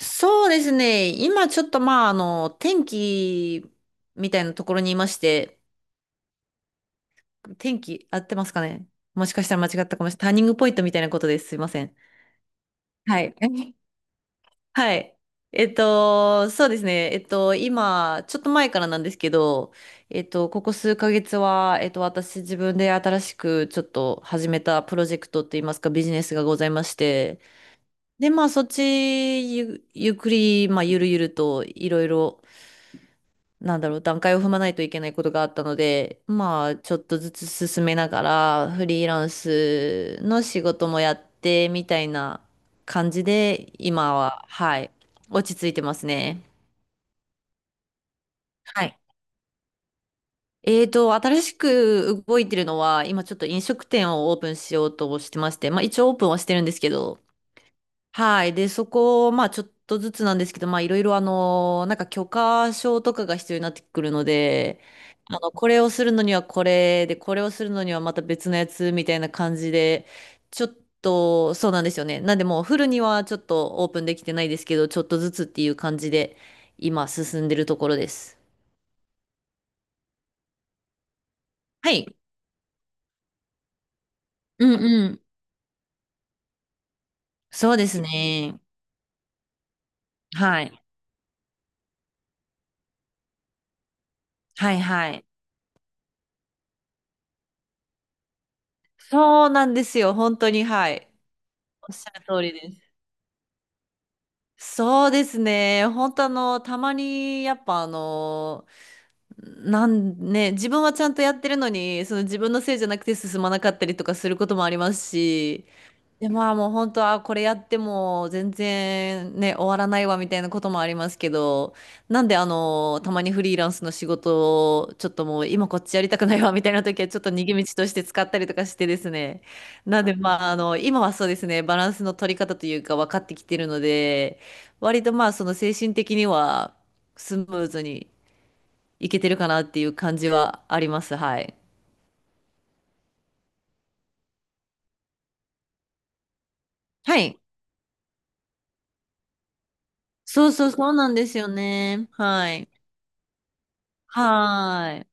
そうですね。今ちょっと天気みたいなところにいまして、天気合ってますかね。もしかしたら間違ったかもしれない。ターニングポイントみたいなことです。すいません。はい。はい。そうですね。今、ちょっと前からなんですけど、ここ数ヶ月は、私自分で新しくちょっと始めたプロジェクトっていいますか、ビジネスがございまして、で、まあ、そっちゆ、ゆっくり、まあ、ゆるゆるといろいろ段階を踏まないといけないことがあったので、まあ、ちょっとずつ進めながら、フリーランスの仕事もやって、みたいな感じで、今は、はい、落ち着いてますね。はい。新しく動いてるのは、今ちょっと飲食店をオープンしようとしてまして、まあ一応オープンはしてるんですけど、はい。で、そこを、まあ、ちょっとずつなんですけど、まあ、いろいろ、なんか許可証とかが必要になってくるので、これをするのにはこれで、これをするのにはまた別のやつみたいな感じで、ちょっと、そうなんですよね。なんで、もうフルにはちょっとオープンできてないですけど、ちょっとずつっていう感じで、今、進んでるところです。はい。うんうん。そうですね。はい。はいはい。そうなんですよ。本当に、はい。おっしゃる通りです。そうですね。本当たまに、やっぱあの、なんね、自分はちゃんとやってるのに、その自分のせいじゃなくて進まなかったりとかすることもありますし、で、まあもう本当はこれやっても全然ね、終わらないわみたいなこともありますけど、なんであの、たまにフリーランスの仕事をちょっともう今こっちやりたくないわみたいな時はちょっと逃げ道として使ったりとかしてですね。なんでまああの、今はそうですね、バランスの取り方というか分かってきてるので、割とまあその精神的にはスムーズにいけてるかなっていう感じはあります。はい。はい。そうそうそうなんですよね。はい。はい。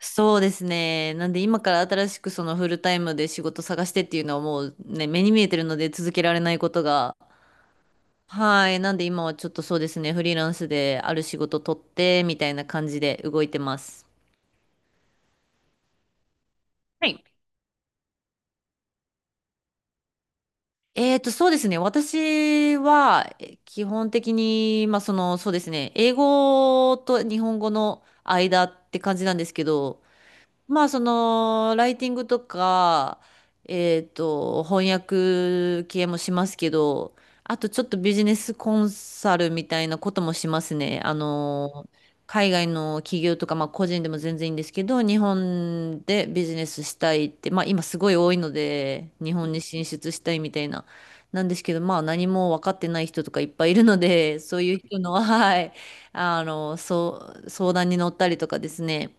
そうですね。なんで今から新しくそのフルタイムで仕事探してっていうのはもうね、目に見えてるので続けられないことが。はい。なんで今はちょっとそうですね、フリーランスである仕事取ってみたいな感じで動いてます。はい。そうですね。私は、基本的に、まあ、その、そうですね。英語と日本語の間って感じなんですけど、まあそのライティングとか、翻訳系もしますけど、あとちょっとビジネスコンサルみたいなこともしますね。海外の企業とか、まあ、個人でも全然いいんですけど、日本でビジネスしたいって、まあ、今すごい多いので、日本に進出したいみたいな、なんですけど、まあ、何も分かってない人とかいっぱいいるので、そういう人の、はい、そう、相談に乗ったりとかですね。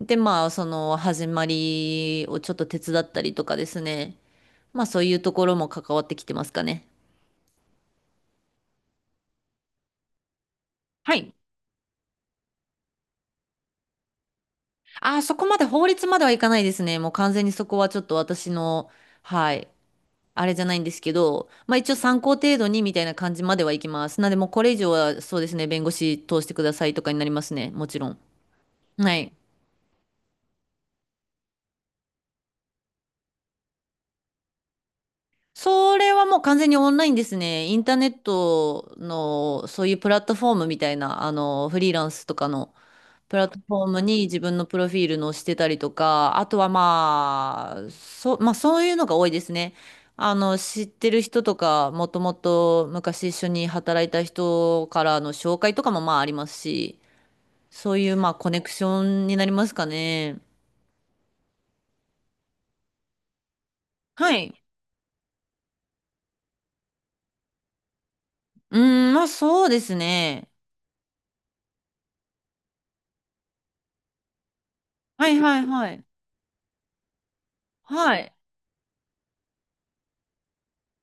で、まあ、その始まりをちょっと手伝ったりとかですね。まあ、そういうところも関わってきてますかね。はい。あー、そこまで法律まではいかないですね。もう完全にそこはちょっと私の、はい、あれじゃないんですけど、まあ一応参考程度にみたいな感じまではいきます。なんで、もうこれ以上はそうですね、弁護士通してくださいとかになりますね。もちろん。はい。それはもう完全にオンラインですね。インターネットのそういうプラットフォームみたいな、フリーランスとかの、プラットフォームに自分のプロフィールのしてたりとか、あとはまあ、まあそういうのが多いですね。知ってる人とか、もともと昔一緒に働いた人からの紹介とかもまあありますし、そういうまあコネクションになりますかね。はい。うーん、まあそうですね。はいはいはい。はい。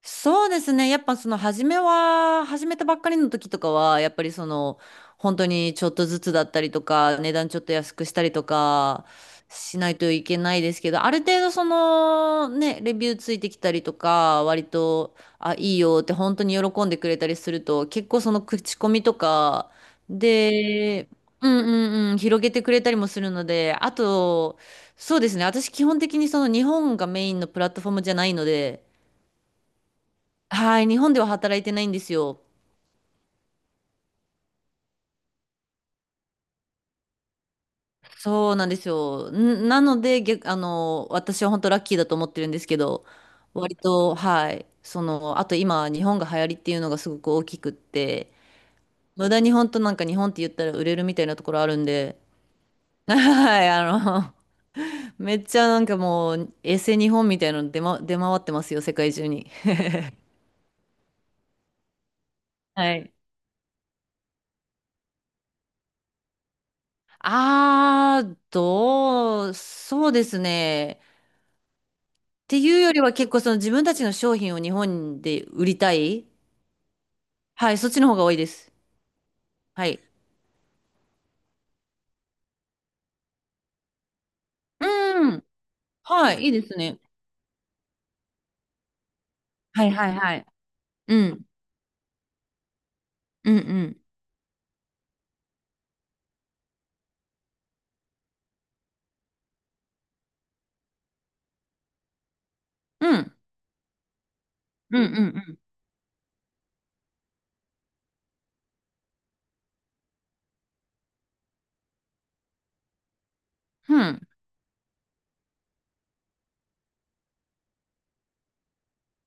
そうですね。やっぱその初めは、始めたばっかりの時とかは、やっぱりその、本当にちょっとずつだったりとか、値段ちょっと安くしたりとか、しないといけないですけど、ある程度その、ね、レビューついてきたりとか、割と、あ、いいよって本当に喜んでくれたりすると、結構その口コミとかで、うんうんうん、広げてくれたりもするので、あと、そうですね。私基本的にその日本がメインのプラットフォームじゃないので、はい、日本では働いてないんですよ。そうなんですよ。んなので、逆、あの、私は本当ラッキーだと思ってるんですけど、割と、はい、その、あと今、日本が流行りっていうのがすごく大きくって、無駄に本当なんか日本って言ったら売れるみたいなところあるんで、はい、めっちゃなんかもう、エセ日本みたいなの出回ってますよ、世界中に。はい。そうですね。ていうよりは結構その自分たちの商品を日本で売りたい。はい、そっちの方が多いです。はい。うん。はい、いいですね。はいはいはい。うん。うんうん。うん。うんうんうん。うん。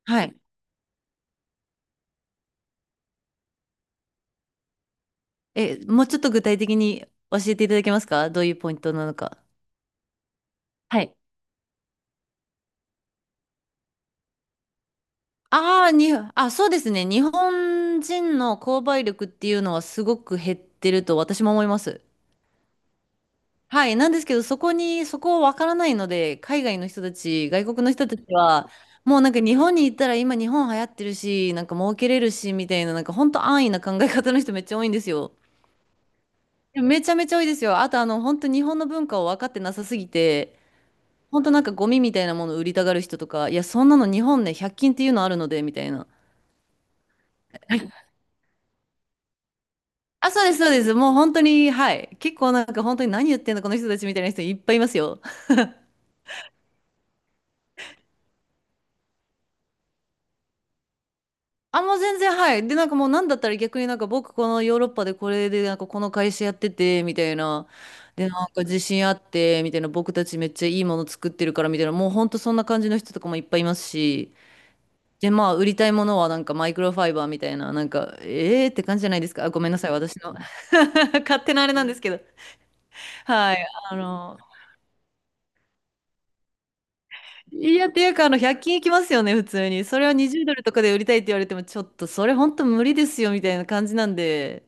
はい。え、もうちょっと具体的に教えていただけますか。どういうポイントなのか。はい。ああ、に、あ、そうですね。日本人の購買力っていうのはすごく減ってると私も思います。はい。なんですけど、そこに、そこわからないので、海外の人たち、外国の人たちは、もうなんか日本に行ったら今日本流行ってるし、なんか儲けれるし、みたいな、なんか本当安易な考え方の人めっちゃ多いんですよ。でもめちゃめちゃ多いですよ。あとあの、本当日本の文化を分かってなさすぎて、本当なんかゴミみたいなものを売りたがる人とか、いや、そんなの日本ね、100均っていうのあるので、みたいな。あ、そうです、そうです。もう本当に、はい。結構なんか本当に何言ってんだこの人たちみたいな人いっぱいいますよ。あ、もう全然、はい。で、なんかもうなんだったら逆になんか僕このヨーロッパでこれでなんかこの会社やってて、みたいな。で、なんか自信あって、みたいな。僕たちめっちゃいいもの作ってるから、みたいな。もうほんとそんな感じの人とかもいっぱいいますし。で、まあ、売りたいものはなんかマイクロファイバーみたいな、なんか、えーって感じじゃないですか。あごめんなさい、私の 勝手なあれなんですけど。はい。あの、いや、っていうか、あの、100均いきますよね、普通に。それは20ドルとかで売りたいって言われても、ちょっとそれほんと無理ですよ、みたいな感じなんで。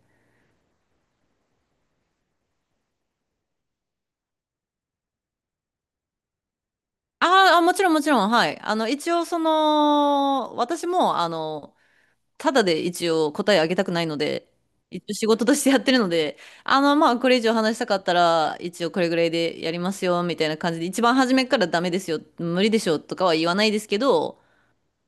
あーあ、もちろんもちろん、はい。一応その、私も、ただで一応答えあげたくないので、一応仕事としてやってるので、まあ、これ以上話したかったら、一応これぐらいでやりますよ、みたいな感じで、一番初めからダメですよ、無理でしょ、とかは言わないですけど、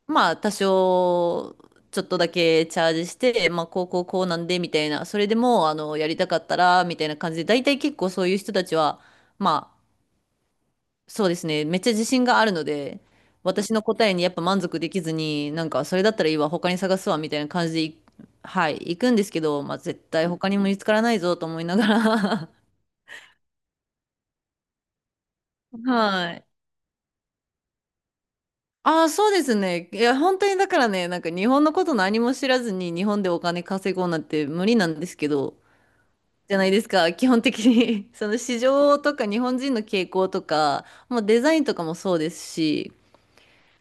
まあ、多少、ちょっとだけチャージして、まあ、こうこうこうなんで、みたいな、それでも、やりたかったら、みたいな感じで、大体結構そういう人たちは、まあ、そうですね。めっちゃ自信があるので、私の答えにやっぱ満足できずに、なんかそれだったらいいわ、他に探すわ、みたいな感じではい、行くんですけど、まあ絶対他にも見つからないぞと思いながら。 はい。ああ、そうですね。いや、本当にだからね、なんか日本のこと何も知らずに日本でお金稼ごうなんて無理なんですけど、じゃないですか、基本的に。 その市場とか日本人の傾向とか、もうデザインとかもそうですし、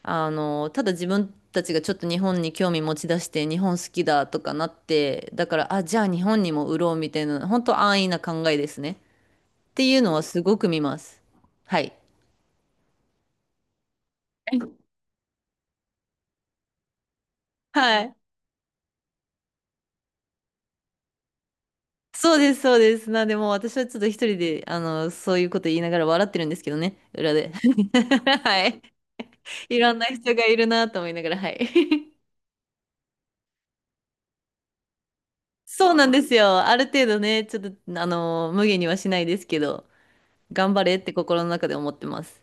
ただ自分たちがちょっと日本に興味持ち出して、日本好きだとかなって、だから、あ、じゃあ日本にも売ろうみたいな、本当安易な考えですね。っていうのはすごく見ます。はい。はい。そうです、そうです。なんで、もう私はちょっと一人で、そういうこと言いながら笑ってるんですけどね、裏で。はい。いろんな人がいるなと思いながら、はい。そうなんですよ。ある程度ね、ちょっと、無限にはしないですけど、頑張れって心の中で思ってます。